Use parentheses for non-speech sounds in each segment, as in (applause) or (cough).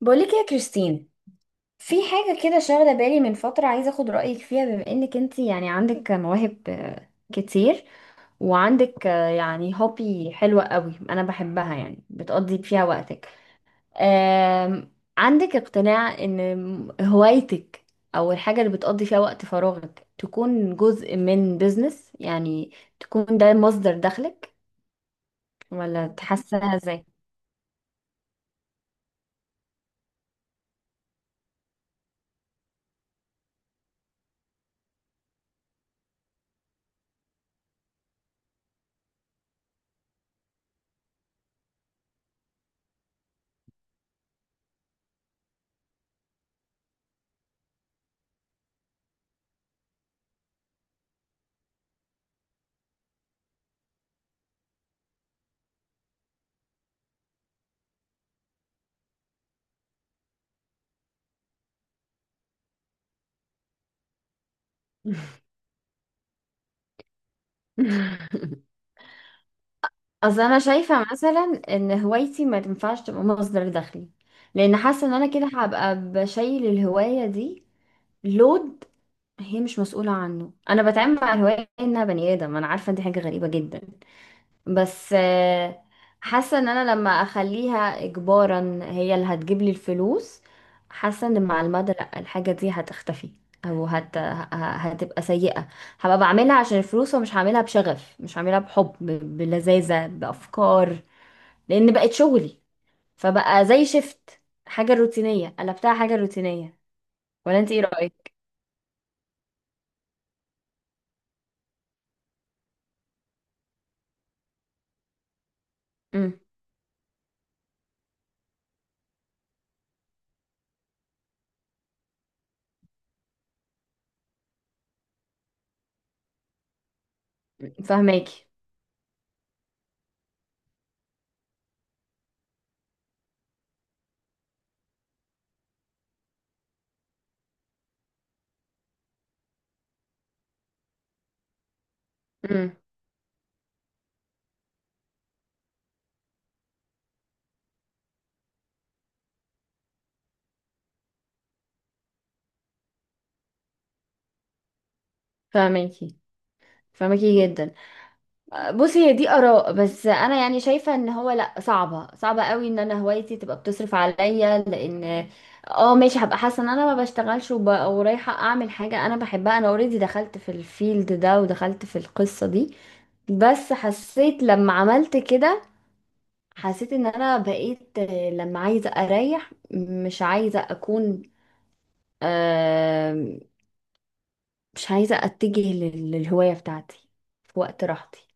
بقولك يا كريستين، في حاجة كده شاغلة بالي من فترة، عايزة اخد رأيك فيها، بما انك انت يعني عندك مواهب كتير. وعندك يعني هوبي حلوة قوي، انا بحبها يعني بتقضي فيها وقتك. آم، عندك اقتناع ان هوايتك او الحاجة اللي بتقضي فيها وقت فراغك تكون جزء من بيزنس، يعني تكون ده مصدر دخلك، ولا تحسها ازاي؟ (laughs) اصل انا شايفه مثلا ان هوايتي ما تنفعش تبقى مصدر دخلي، لان حاسه ان انا كده هبقى بشيل الهوايه دي لود. هي مش مسؤوله عنه، انا بتعامل مع الهوايه انها بني ادم. انا عارفه دي حاجه غريبه جدا، بس حاسة ان انا لما اخليها اجبارا هي اللي هتجيب لي الفلوس. حاسة ان مع المدى لا، الحاجة دي هتختفي او هتبقى سيئة. هبقى بعملها عشان الفلوس، ومش هعملها بشغف، مش هعملها بحب، بلذاذة، بأفكار، لان بقت شغلي. فبقى زي شفت، حاجة روتينية قلبتها حاجة روتينية. ولا انت ايه رأيك؟ امم فاهماكي. امم فاهماكي، فاهماكي جدا. بصي، هي دي اراء، بس انا يعني شايفه ان هو لا، صعبه صعبه قوي ان انا هوايتي تبقى بتصرف عليا، لان اه ماشي، هبقى حاسه ان انا ما بشتغلش ورايحه اعمل حاجه انا بحبها. انا اوريدي دخلت في الفيلد ده، ودخلت في القصه دي. بس حسيت لما عملت كده، حسيت ان انا بقيت لما عايزه اريح، مش عايزه اكون، آه، مش عايزه اتجه للهوايه بتاعتي في وقت راحتي.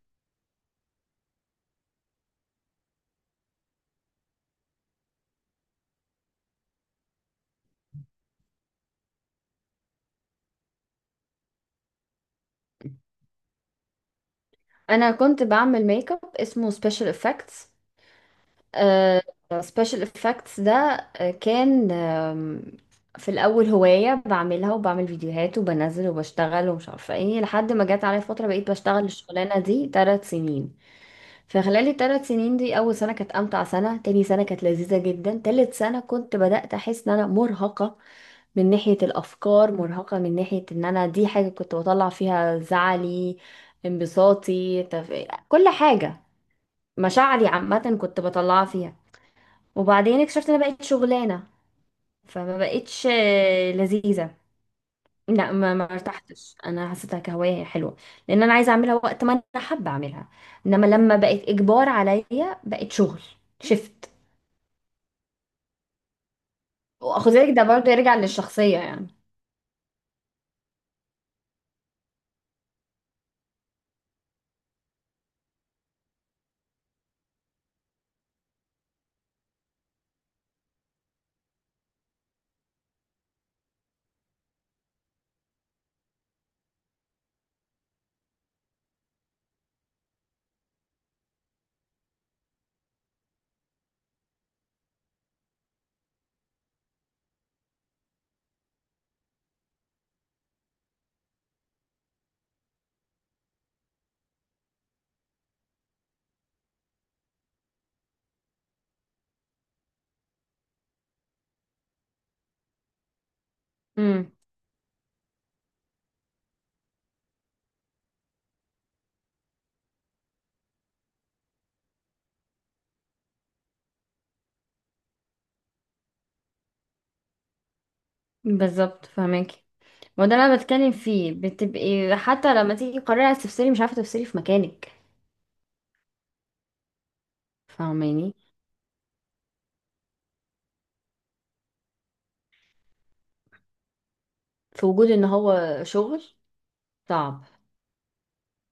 انا كنت بعمل ميك اب اسمه سبيشال افكتس. سبيشال افكتس ده كان، في الاول هوايه بعملها، وبعمل فيديوهات وبنزل وبشتغل ومش عارفه ايه، لحد ما جت عليا فتره بقيت بشتغل الشغلانه دي 3 سنين. فخلال الـ3 سنين دي، اول سنه كانت امتع سنه، تاني سنه كانت لذيذه جدا، تالت سنه كنت بدات احس ان انا مرهقه. من ناحية الأفكار، مرهقة من ناحية إن أنا دي حاجة كنت بطلع فيها زعلي، انبساطي، كل حاجة، مشاعري عامة كنت بطلعها فيها. وبعدين اكتشفت إن أنا بقيت شغلانة، فما بقتش لذيذة. لا، ما ارتحتش، انا حسيتها كهوايه حلوه، لان انا عايزه اعملها وقت ما انا حابه اعملها. انما لما بقت اجبار عليا بقت شغل، شفت؟ واخد بالك ده برضه يرجع للشخصيه يعني. مم. بالظبط، فهماكي. ما ده اللي انا بتكلم فيه، بتبقي حتى لما تيجي تقرري عايز تفصلي، مش عارفه تفصلي في مكانك. فاهماني؟ في وجود ان هو شغل صعب.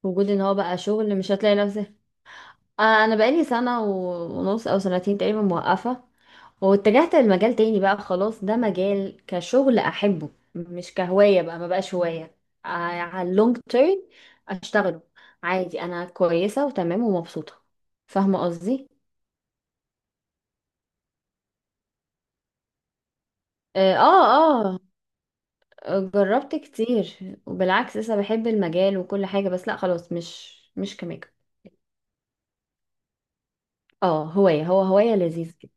في وجود ان هو بقى شغل مش هتلاقي نفسك. انا بقالي سنه ونص او سنتين تقريبا موقفه. واتجهت لمجال تاني بقى، خلاص ده مجال كشغل احبه، مش كهوايه بقى، ما بقاش هوايه على اللونج تيرم اشتغله عادي. انا كويسه وتمام ومبسوطه. فاهمه قصدي؟ اه، اه، جربت كتير، وبالعكس لسه بحب المجال وكل حاجة، بس لا خلاص، مش كميك. اه، هواية، هو هواية لذيذ كده.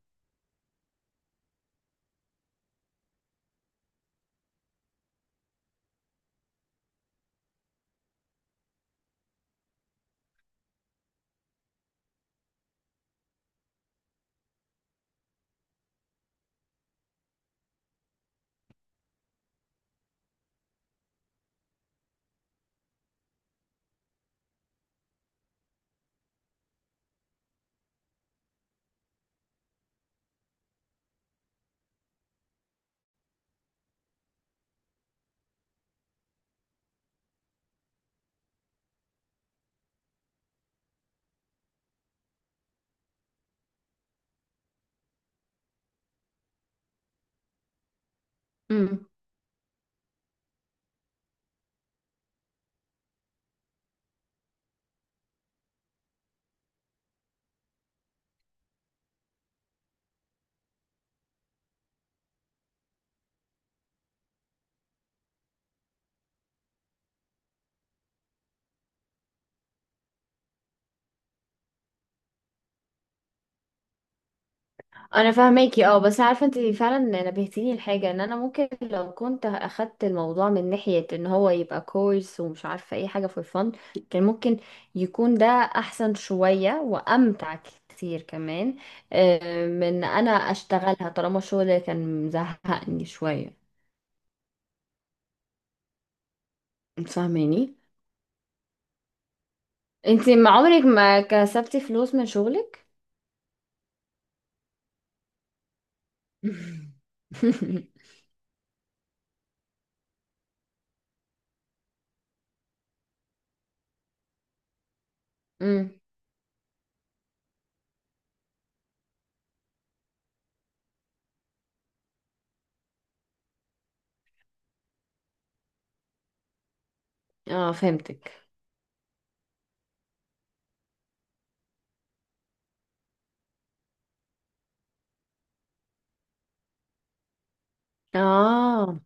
امم انا فاهماكي، اه بس عارفة انت فعلا نبهتيني لحاجة ان انا ممكن لو كنت اخدت الموضوع من ناحية ان هو يبقى كورس ومش عارفة اي حاجة في الفن، كان ممكن يكون ده احسن شوية وامتع كتير كمان، من انا اشتغلها طالما الشغل كان مزهقني شوية. فاهماني؟ انتي ما عمرك ما كسبتي فلوس من شغلك؟ (laughs) امم. اه، فهمتك. اه.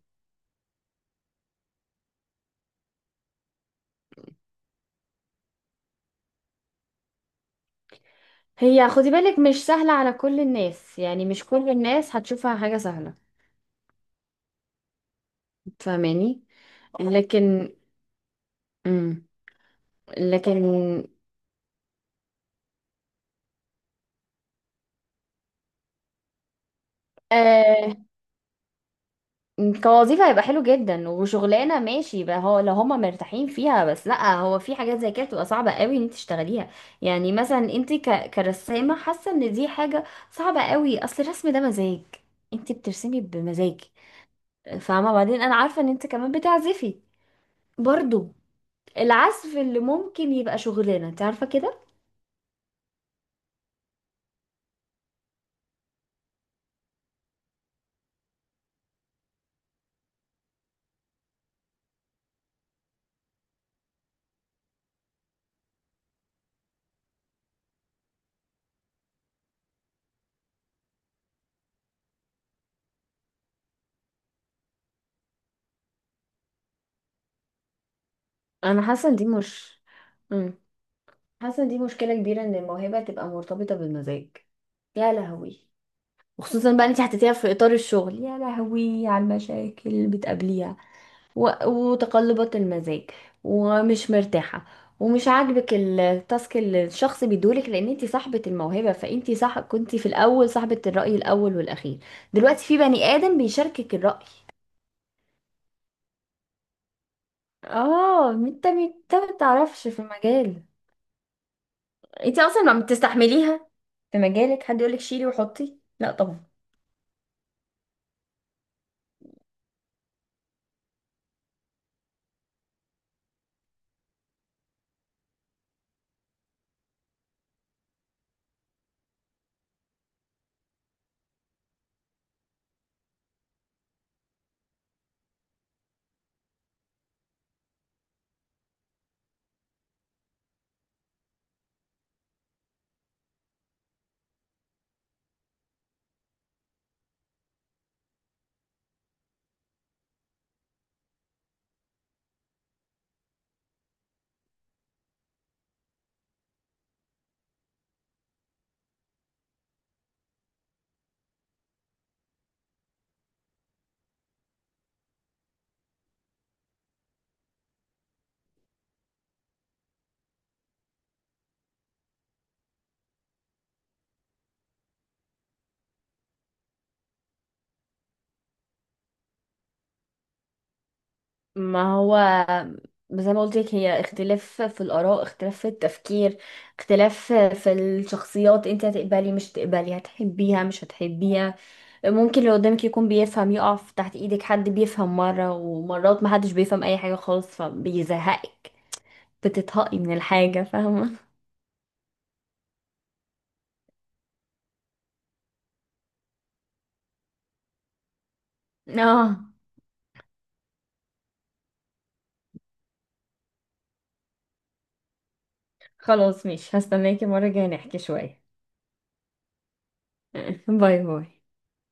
هي، خدي بالك، مش سهلة على كل الناس، يعني مش كل الناس هتشوفها حاجة سهلة. فاهماني؟ لكن امم لكن آه كوظيفة هيبقى حلو جدا، وشغلانة ماشي بقى هو، لو هما مرتاحين فيها. بس لا، هو في حاجات زي كده بتبقى صعبة قوي ان انت تشتغليها. يعني مثلا انت كرسامة، حاسة ان دي حاجة صعبة قوي. اصل الرسم ده مزاج، انت بترسمي بمزاج، فاهمة؟ بعدين انا عارفة ان انت كمان بتعزفي برضو، العزف اللي ممكن يبقى شغلانة، انت عارفة كده. انا حاسة ان دي مش مم. حاسة ان دي مشكلة كبيرة، ان الموهبة تبقى مرتبطة بالمزاج، يا لهوي. وخصوصا بقى انت حطيتيها في اطار الشغل، يا لهوي على المشاكل اللي بتقابليها وتقلبات المزاج، ومش مرتاحه، ومش عاجبك التاسك اللي الشخص بيدولك، لان انت صاحبه الموهبه، فانت صح كنت في الاول صاحبه الراي الاول والاخير. دلوقتي في بني ادم بيشاركك الراي. اه، انت ما تعرفش في المجال. انت اصلا ما بتستحمليها في مجالك حد يقولك شيلي وحطي، لا طبعا. ما هو زي ما قلت لك، هي اختلاف في الآراء، اختلاف في التفكير، اختلاف في الشخصيات. انت هتقبلي، مش هتقبلي، هتحبيها، مش هتحبيها. ممكن اللي قدامك يكون بيفهم، يقف تحت ايدك، حد بيفهم مرة، ومرات محدش بيفهم اي حاجة خالص فبيزهقك، بتتهقي من الحاجة، فاهمة؟ (laughs) اه، خلاص ماشي، هستناكي المرة الجاية نحكي شوية. (laughs) باي باي.